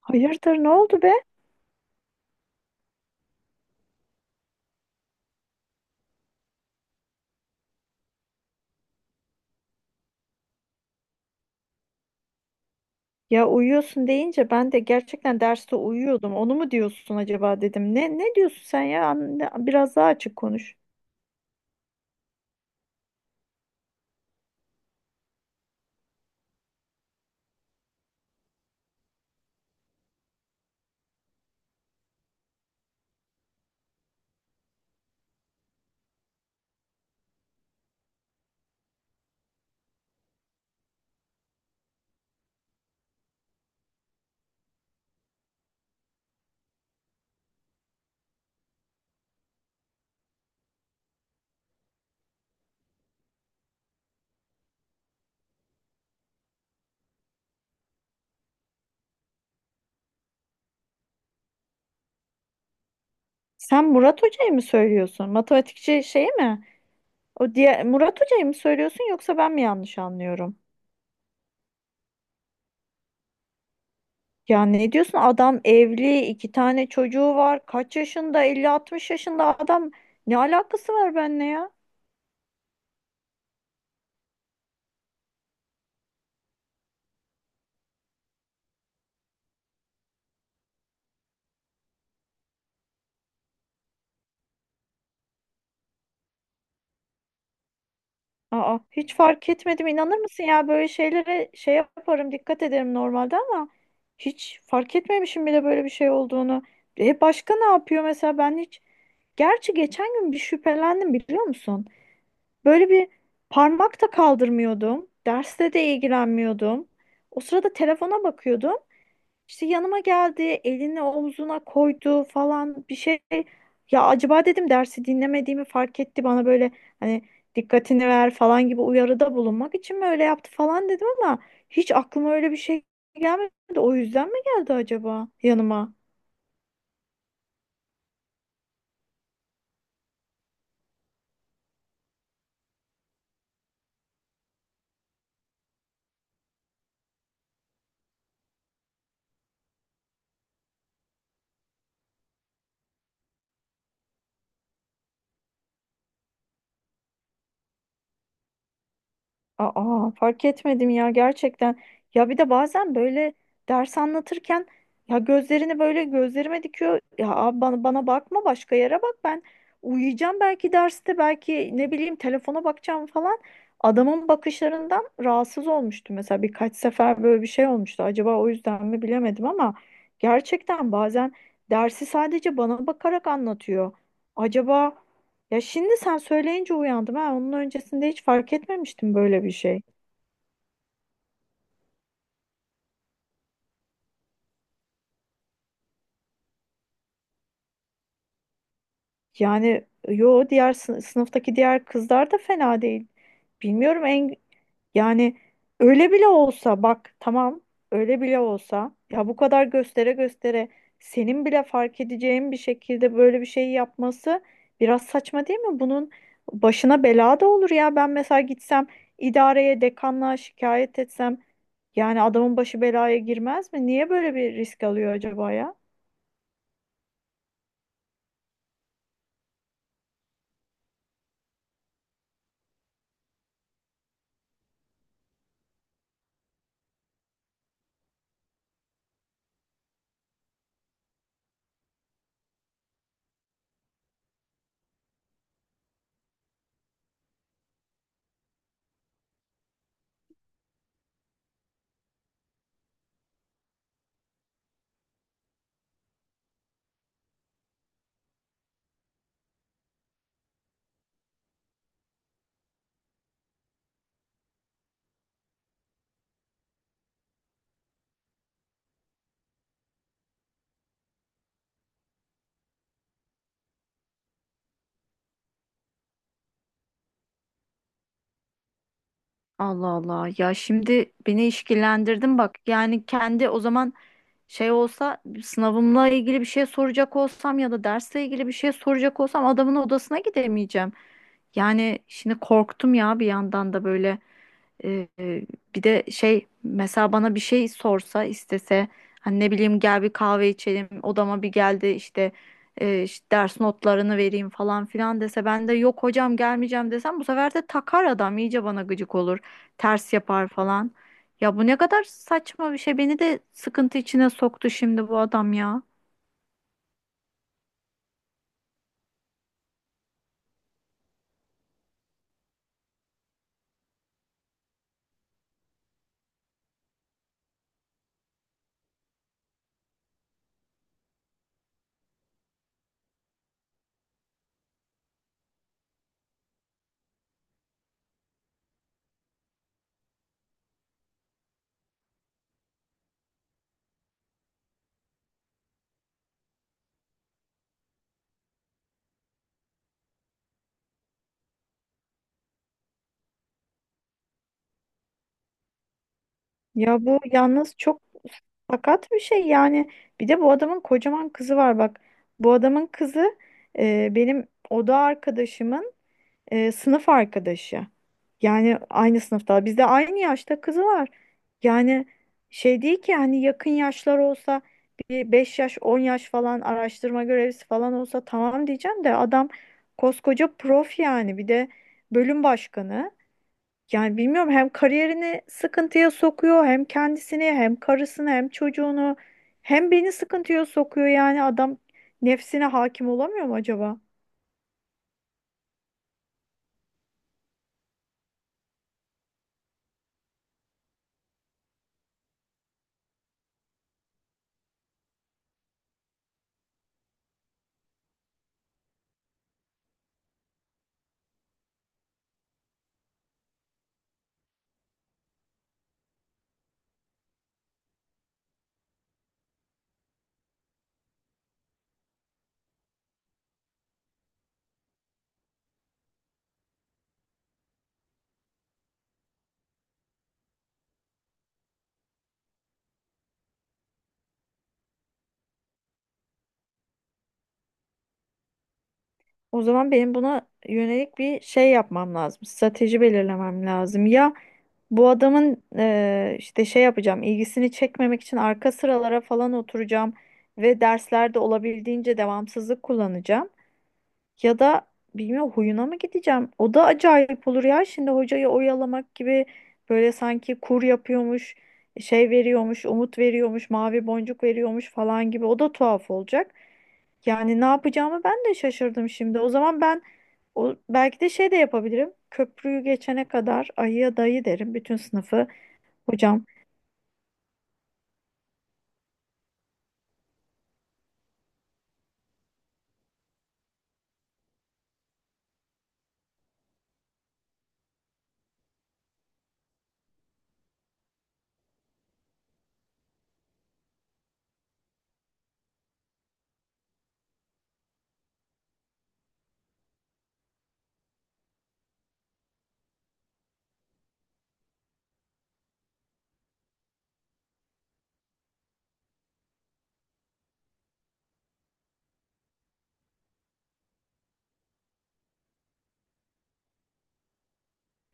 Hayırdır ne oldu be? Ya uyuyorsun deyince ben de gerçekten derste uyuyordum. Onu mu diyorsun acaba dedim. Ne diyorsun sen ya? Anne, biraz daha açık konuş. Sen Murat Hoca'yı mı söylüyorsun? Matematikçi şey mi? O diye Murat Hoca'yı mı söylüyorsun yoksa ben mi yanlış anlıyorum? Ya ne diyorsun? Adam evli, iki tane çocuğu var. Kaç yaşında? Elli 60 yaşında adam. Ne alakası var benimle ya? Aa, hiç fark etmedim. İnanır mısın ya böyle şeylere şey yaparım, dikkat ederim normalde ama hiç fark etmemişim bile böyle bir şey olduğunu. E başka ne yapıyor mesela ben hiç. Gerçi geçen gün bir şüphelendim biliyor musun? Böyle bir parmak da kaldırmıyordum. Derste de ilgilenmiyordum. O sırada telefona bakıyordum. İşte yanıma geldi, elini omzuna koydu falan bir şey. Ya acaba dedim dersi dinlemediğimi fark etti, bana böyle hani dikkatini ver falan gibi uyarıda bulunmak için mi öyle yaptı falan dedim, ama hiç aklıma öyle bir şey gelmedi. O yüzden mi geldi acaba yanıma? Aa, fark etmedim ya gerçekten. Ya bir de bazen böyle ders anlatırken ya gözlerini böyle gözlerime dikiyor. Ya abi bana bakma, başka yere bak, ben uyuyacağım belki derste, belki ne bileyim telefona bakacağım falan. Adamın bakışlarından rahatsız olmuştu mesela, birkaç sefer böyle bir şey olmuştu. Acaba o yüzden mi, bilemedim, ama gerçekten bazen dersi sadece bana bakarak anlatıyor. Acaba, ya şimdi sen söyleyince uyandım ha. Onun öncesinde hiç fark etmemiştim böyle bir şey. Yani yo, diğer sınıftaki diğer kızlar da fena değil. Bilmiyorum en, yani öyle bile olsa bak, tamam, öyle bile olsa ya bu kadar göstere göstere, senin bile fark edeceğin bir şekilde böyle bir şey yapması biraz saçma değil mi? Bunun başına bela da olur ya. Ben mesela gitsem, idareye dekanlığa şikayet etsem, yani adamın başı belaya girmez mi? Niye böyle bir risk alıyor acaba ya? Allah Allah, ya şimdi beni işkillendirdin bak, yani kendi o zaman şey olsa, sınavımla ilgili bir şey soracak olsam ya da dersle ilgili bir şey soracak olsam, adamın odasına gidemeyeceğim. Yani şimdi korktum ya, bir yandan da böyle. Ee, Bir de şey, mesela bana bir şey sorsa, istese, hani ne bileyim, gel bir kahve içelim odama, bir geldi işte, işte ders notlarını vereyim falan filan dese, ben de yok hocam gelmeyeceğim desem, bu sefer de takar adam, iyice bana gıcık olur, ters yapar falan. Ya bu ne kadar saçma bir şey. Beni de sıkıntı içine soktu şimdi bu adam ya. Ya bu yalnız çok sakat bir şey yani. Bir de bu adamın kocaman kızı var bak. Bu adamın kızı benim oda arkadaşımın sınıf arkadaşı. Yani aynı sınıfta. Bizde aynı yaşta kızı var. Yani şey değil ki, hani yakın yaşlar olsa, bir 5 yaş 10 yaş falan, araştırma görevlisi falan olsa tamam diyeceğim, de adam koskoca prof, yani bir de bölüm başkanı. Yani bilmiyorum, hem kariyerini sıkıntıya sokuyor, hem kendisini, hem karısını, hem çocuğunu, hem beni sıkıntıya sokuyor, yani adam nefsine hakim olamıyor mu acaba? O zaman benim buna yönelik bir şey yapmam lazım. Strateji belirlemem lazım. Ya bu adamın işte şey yapacağım, ilgisini çekmemek için arka sıralara falan oturacağım ve derslerde olabildiğince devamsızlık kullanacağım. Ya da bilmiyorum, huyuna mı gideceğim? O da acayip olur ya. Şimdi hocayı oyalamak gibi, böyle sanki kur yapıyormuş, şey veriyormuş, umut veriyormuş, mavi boncuk veriyormuş falan gibi. O da tuhaf olacak. Yani ne yapacağımı ben de şaşırdım şimdi. O zaman ben belki de şey de yapabilirim. Köprüyü geçene kadar ayıya dayı derim bütün sınıfı. Hocam.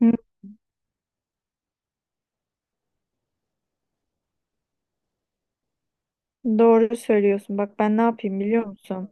Hı, doğru söylüyorsun. Bak ben ne yapayım biliyor musun?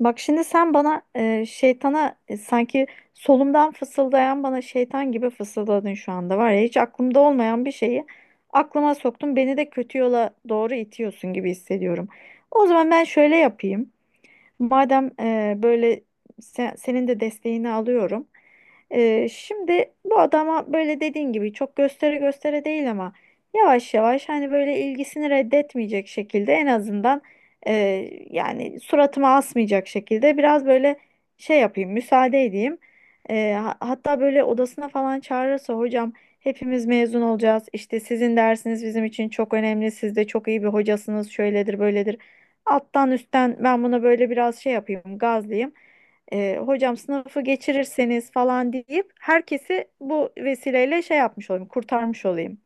Bak şimdi sen bana şeytana, sanki solumdan fısıldayan bana şeytan gibi fısıldadın şu anda, var ya hiç aklımda olmayan bir şeyi aklıma soktun. Beni de kötü yola doğru itiyorsun gibi hissediyorum. O zaman ben şöyle yapayım. Madem böyle senin de desteğini alıyorum. Şimdi bu adama böyle dediğin gibi çok göstere göstere değil, ama yavaş yavaş, hani böyle ilgisini reddetmeyecek şekilde en azından, e, yani suratıma asmayacak şekilde biraz böyle şey yapayım, müsaade edeyim. Hatta böyle odasına falan çağırırsa, hocam hepimiz mezun olacağız, İşte sizin dersiniz bizim için çok önemli, siz de çok iyi bir hocasınız, şöyledir böyledir. Alttan üstten ben buna böyle biraz şey yapayım, gazlayayım. Hocam sınıfı geçirirseniz falan deyip, herkesi bu vesileyle şey yapmış olayım, kurtarmış olayım.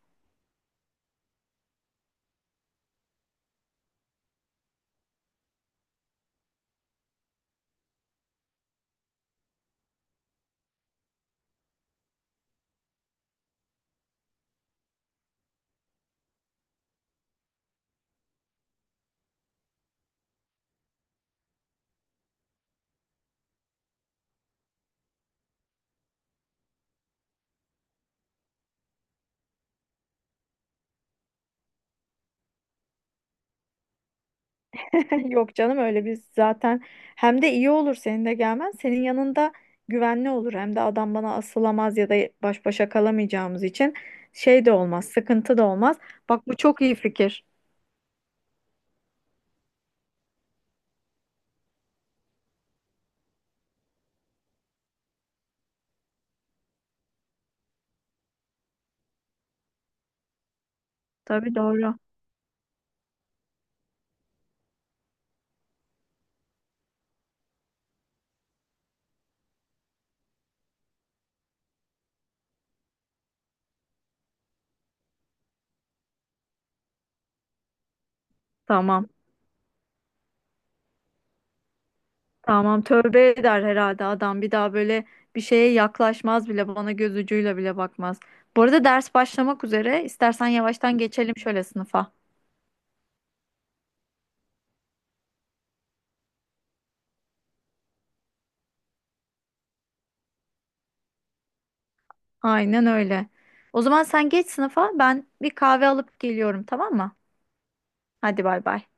Yok canım öyle, biz zaten, hem de iyi olur senin de gelmen. Senin yanında güvenli olur, hem de adam bana asılamaz, ya da baş başa kalamayacağımız için şey de olmaz, sıkıntı da olmaz. Bak bu çok iyi fikir. Tabii, doğru. Tamam. Tamam, tövbe eder herhalde adam, bir daha böyle bir şeye yaklaşmaz bile, bana göz ucuyla bile bakmaz. Bu arada ders başlamak üzere, istersen yavaştan geçelim şöyle sınıfa. Aynen öyle. O zaman sen geç sınıfa, ben bir kahve alıp geliyorum, tamam mı? Hadi bay bay.